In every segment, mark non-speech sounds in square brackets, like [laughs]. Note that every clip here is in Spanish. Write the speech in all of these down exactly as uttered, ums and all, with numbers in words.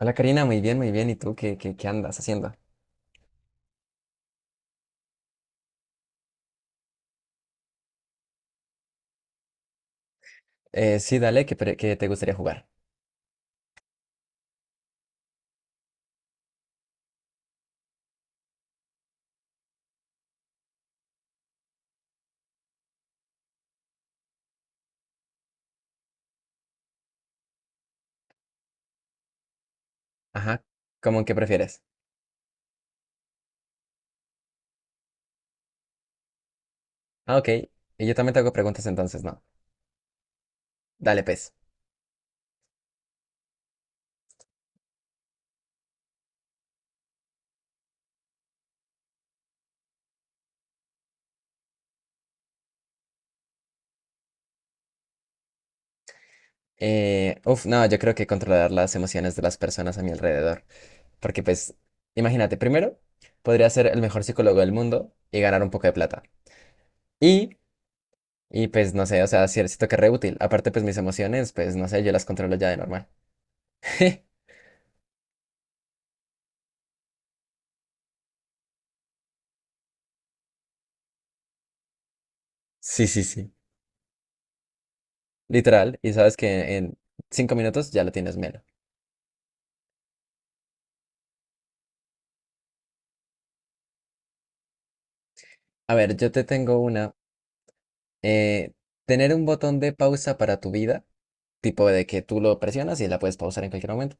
Hola Karina, muy bien, muy bien. ¿Y tú qué, qué, qué andas haciendo? Eh, sí, dale, qué, pre- que te gustaría jugar. Ajá, ¿cómo que prefieres? Ah, ok. Y yo también te hago preguntas entonces, ¿no? Dale, pues. Eh, uf, no, yo creo que controlar las emociones de las personas a mi alrededor. Porque pues, imagínate, primero, podría ser el mejor psicólogo del mundo y ganar un poco de plata. Y, y pues, no sé, o sea, sí- siento que es re útil. Aparte, pues mis emociones, pues, no sé, yo las controlo ya de normal. [laughs] Sí, sí, sí. Literal. Y sabes que en cinco minutos ya lo tienes menos. A ver, yo te tengo una. Eh, tener un botón de pausa para tu vida, tipo de que tú lo presionas y la puedes pausar en cualquier momento.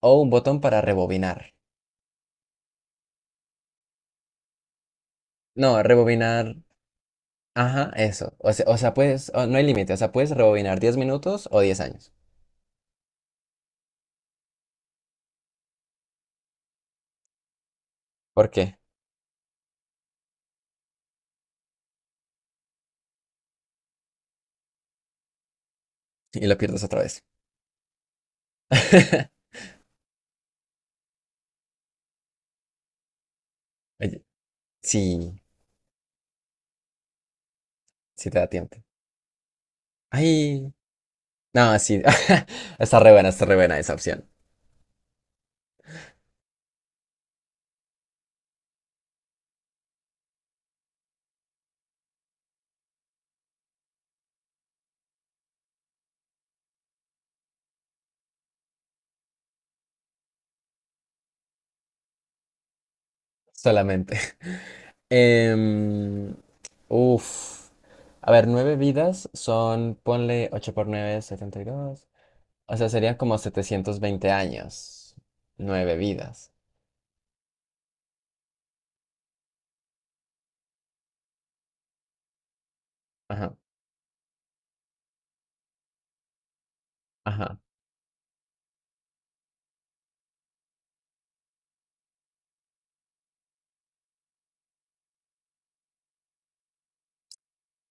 O un botón para rebobinar. No, rebobinar. Ajá, eso. O sea, o sea, puedes. O- no hay límite. O sea, puedes rebobinar diez minutos o diez años. ¿Por qué? Y lo pierdes otra vez. [laughs] Oye, sí, sí te da tiempo. Ay, no, sí. [laughs] Está re buena, está re buena esa opción. Solamente. Em, Uf. A ver, nueve vidas son, ponle ocho por nueve, setenta y dos. O sea, serían como setecientos veinte años. Nueve vidas. Ajá, ajá.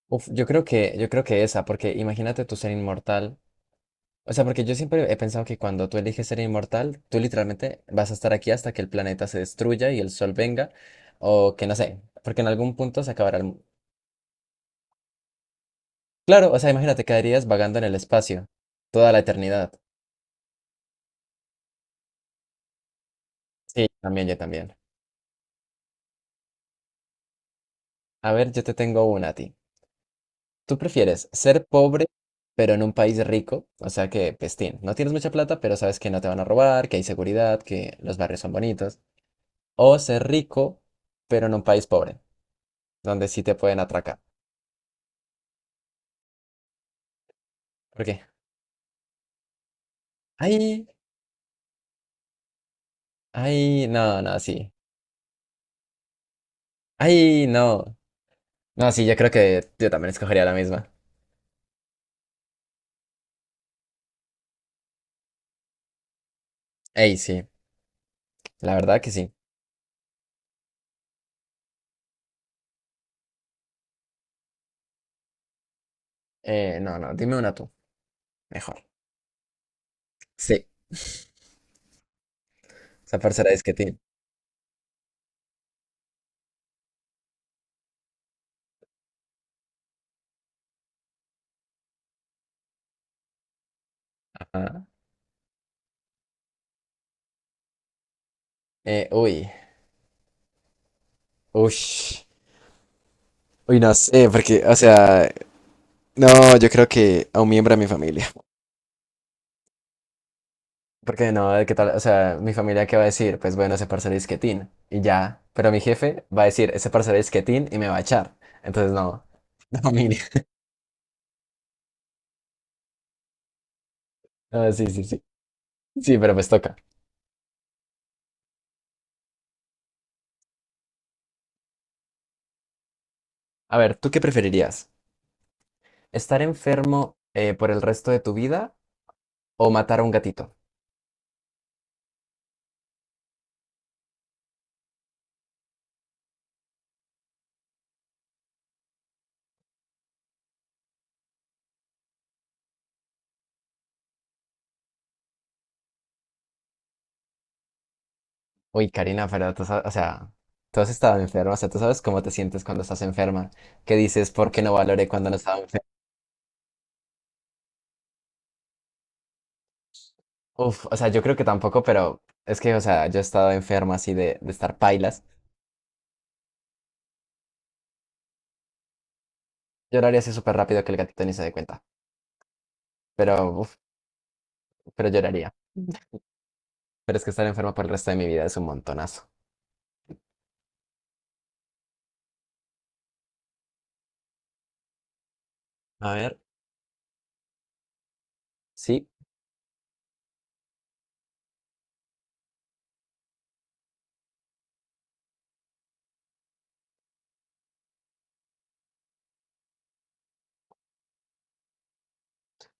Uf, yo creo que, yo creo que esa, porque imagínate tú ser inmortal. O sea, porque yo siempre he pensado que cuando tú eliges ser inmortal, tú literalmente vas a estar aquí hasta que el planeta se destruya y el sol venga, o que no sé, porque en algún punto se acabará el... mu- Claro, o sea, imagínate, quedarías vagando en el espacio toda la eternidad. Sí, yo también, yo también. A ver, yo te tengo una a ti. ¿Tú prefieres ser pobre, pero en un país rico? O sea que, pestín, no tienes mucha plata, pero sabes que no te van a robar, que hay seguridad, que los barrios son bonitos. O ser rico, pero en un país pobre, donde sí te pueden atracar. ¿Por qué? Ay, ay, no, no, sí. Ay, no. No, sí, yo creo que yo también escogería la misma. Ey, sí, la verdad que sí. Eh, no, no, dime una tú, mejor. Sí, esa parcera es que ti. Ajá. Eh, uy. Uy, uy, no sé, porque, o sea, no, yo creo que a un miembro de mi familia. [laughs] Porque no, ¿qué tal? O sea, mi familia, ¿qué va a decir? Pues bueno, ese parcero es quietín, y ya. Pero mi jefe va a decir, ese parcero es quietín, y me va a echar. Entonces, no, [laughs] la familia. Ah, sí, sí, sí. Sí, pero pues toca. A ver, ¿tú qué preferirías? ¿Estar enfermo eh, por el resto de tu vida o matar a un gatito? Uy, Karina, pero tú sa- o sea, tú has estado enferma, o sea, tú sabes cómo te sientes cuando estás enferma. ¿Qué dices? ¿Por qué no valoré cuando no estaba enferma? Uf, o sea, yo creo que tampoco, pero es que, o sea, yo he estado enfermo así de, de estar pailas. Lloraría así súper rápido que el gatito ni se dé cuenta. Pero, uf, pero lloraría. Pero es que estar enfermo por el resto de mi vida es un montonazo. A ver. Sí,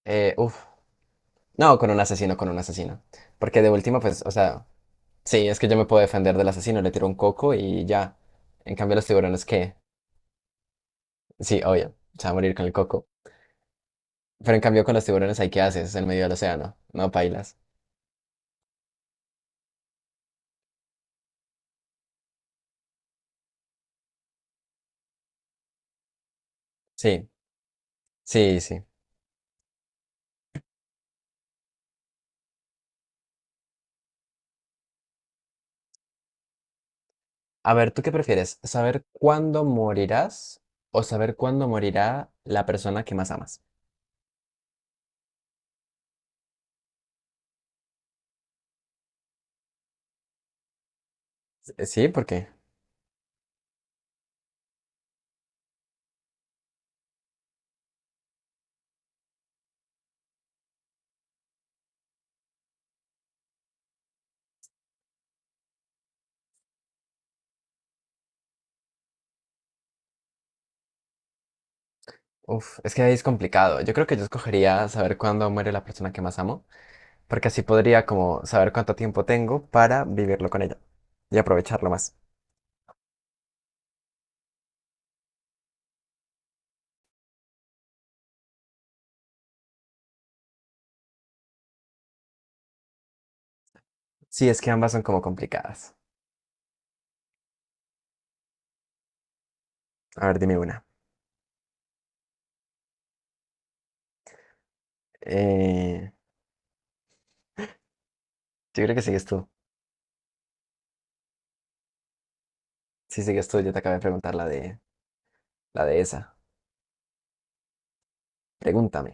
eh, uf. No, con un asesino, con un asesino. Porque de último, pues, o sea, sí, es que yo me puedo defender del asesino, le tiro un coco y ya. En cambio, los tiburones, ¿qué? Sí, obvio, se va a morir con el coco. Pero en cambio, con los tiburones, ¿hay qué haces en medio del océano? No pailas. Sí, sí, sí. A ver, ¿tú qué prefieres? ¿Saber cuándo morirás o saber cuándo morirá la persona que más amas? Eh, Sí, porque, uf, es que ahí es complicado. Yo creo que yo escogería saber cuándo muere la persona que más amo, porque así podría como saber cuánto tiempo tengo para vivirlo con ella y aprovecharlo más. Sí, es que ambas son como complicadas. A ver, dime una. Eh, yo creo que sigues tú. Sí, sigues tú. Yo te acabé de preguntar la de, la de esa. Pregúntame.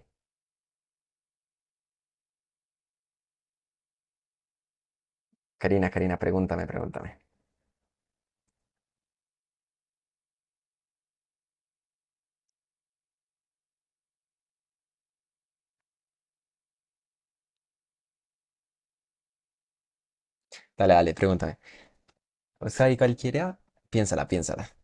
Karina, Karina, pregúntame, pregúntame. Dale, dale, pregúntame. O sea, y cualquiera, piénsala, piénsala.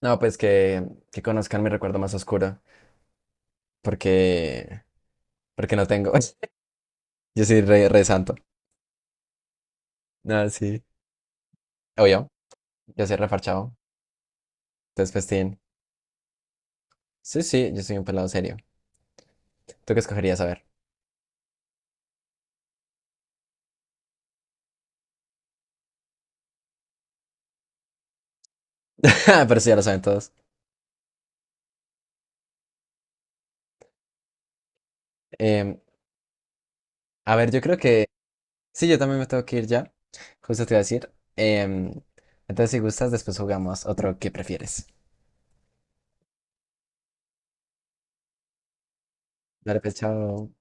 No, pues que, que conozcan mi recuerdo más oscuro, porque, porque no tengo. [laughs] Yo soy re, re santo. No, sí. Obvio, yo soy refarchado. Entonces, festín. Sí, sí, yo soy un pelado serio. ¿Tú qué escogerías? A ver. [laughs] Pero sí, ya lo saben todos. Em, a ver, yo creo que. Sí, yo también me tengo que ir ya. Justo te iba a decir. Em, entonces, si gustas, después jugamos otro que prefieres. Dale, pues, chao.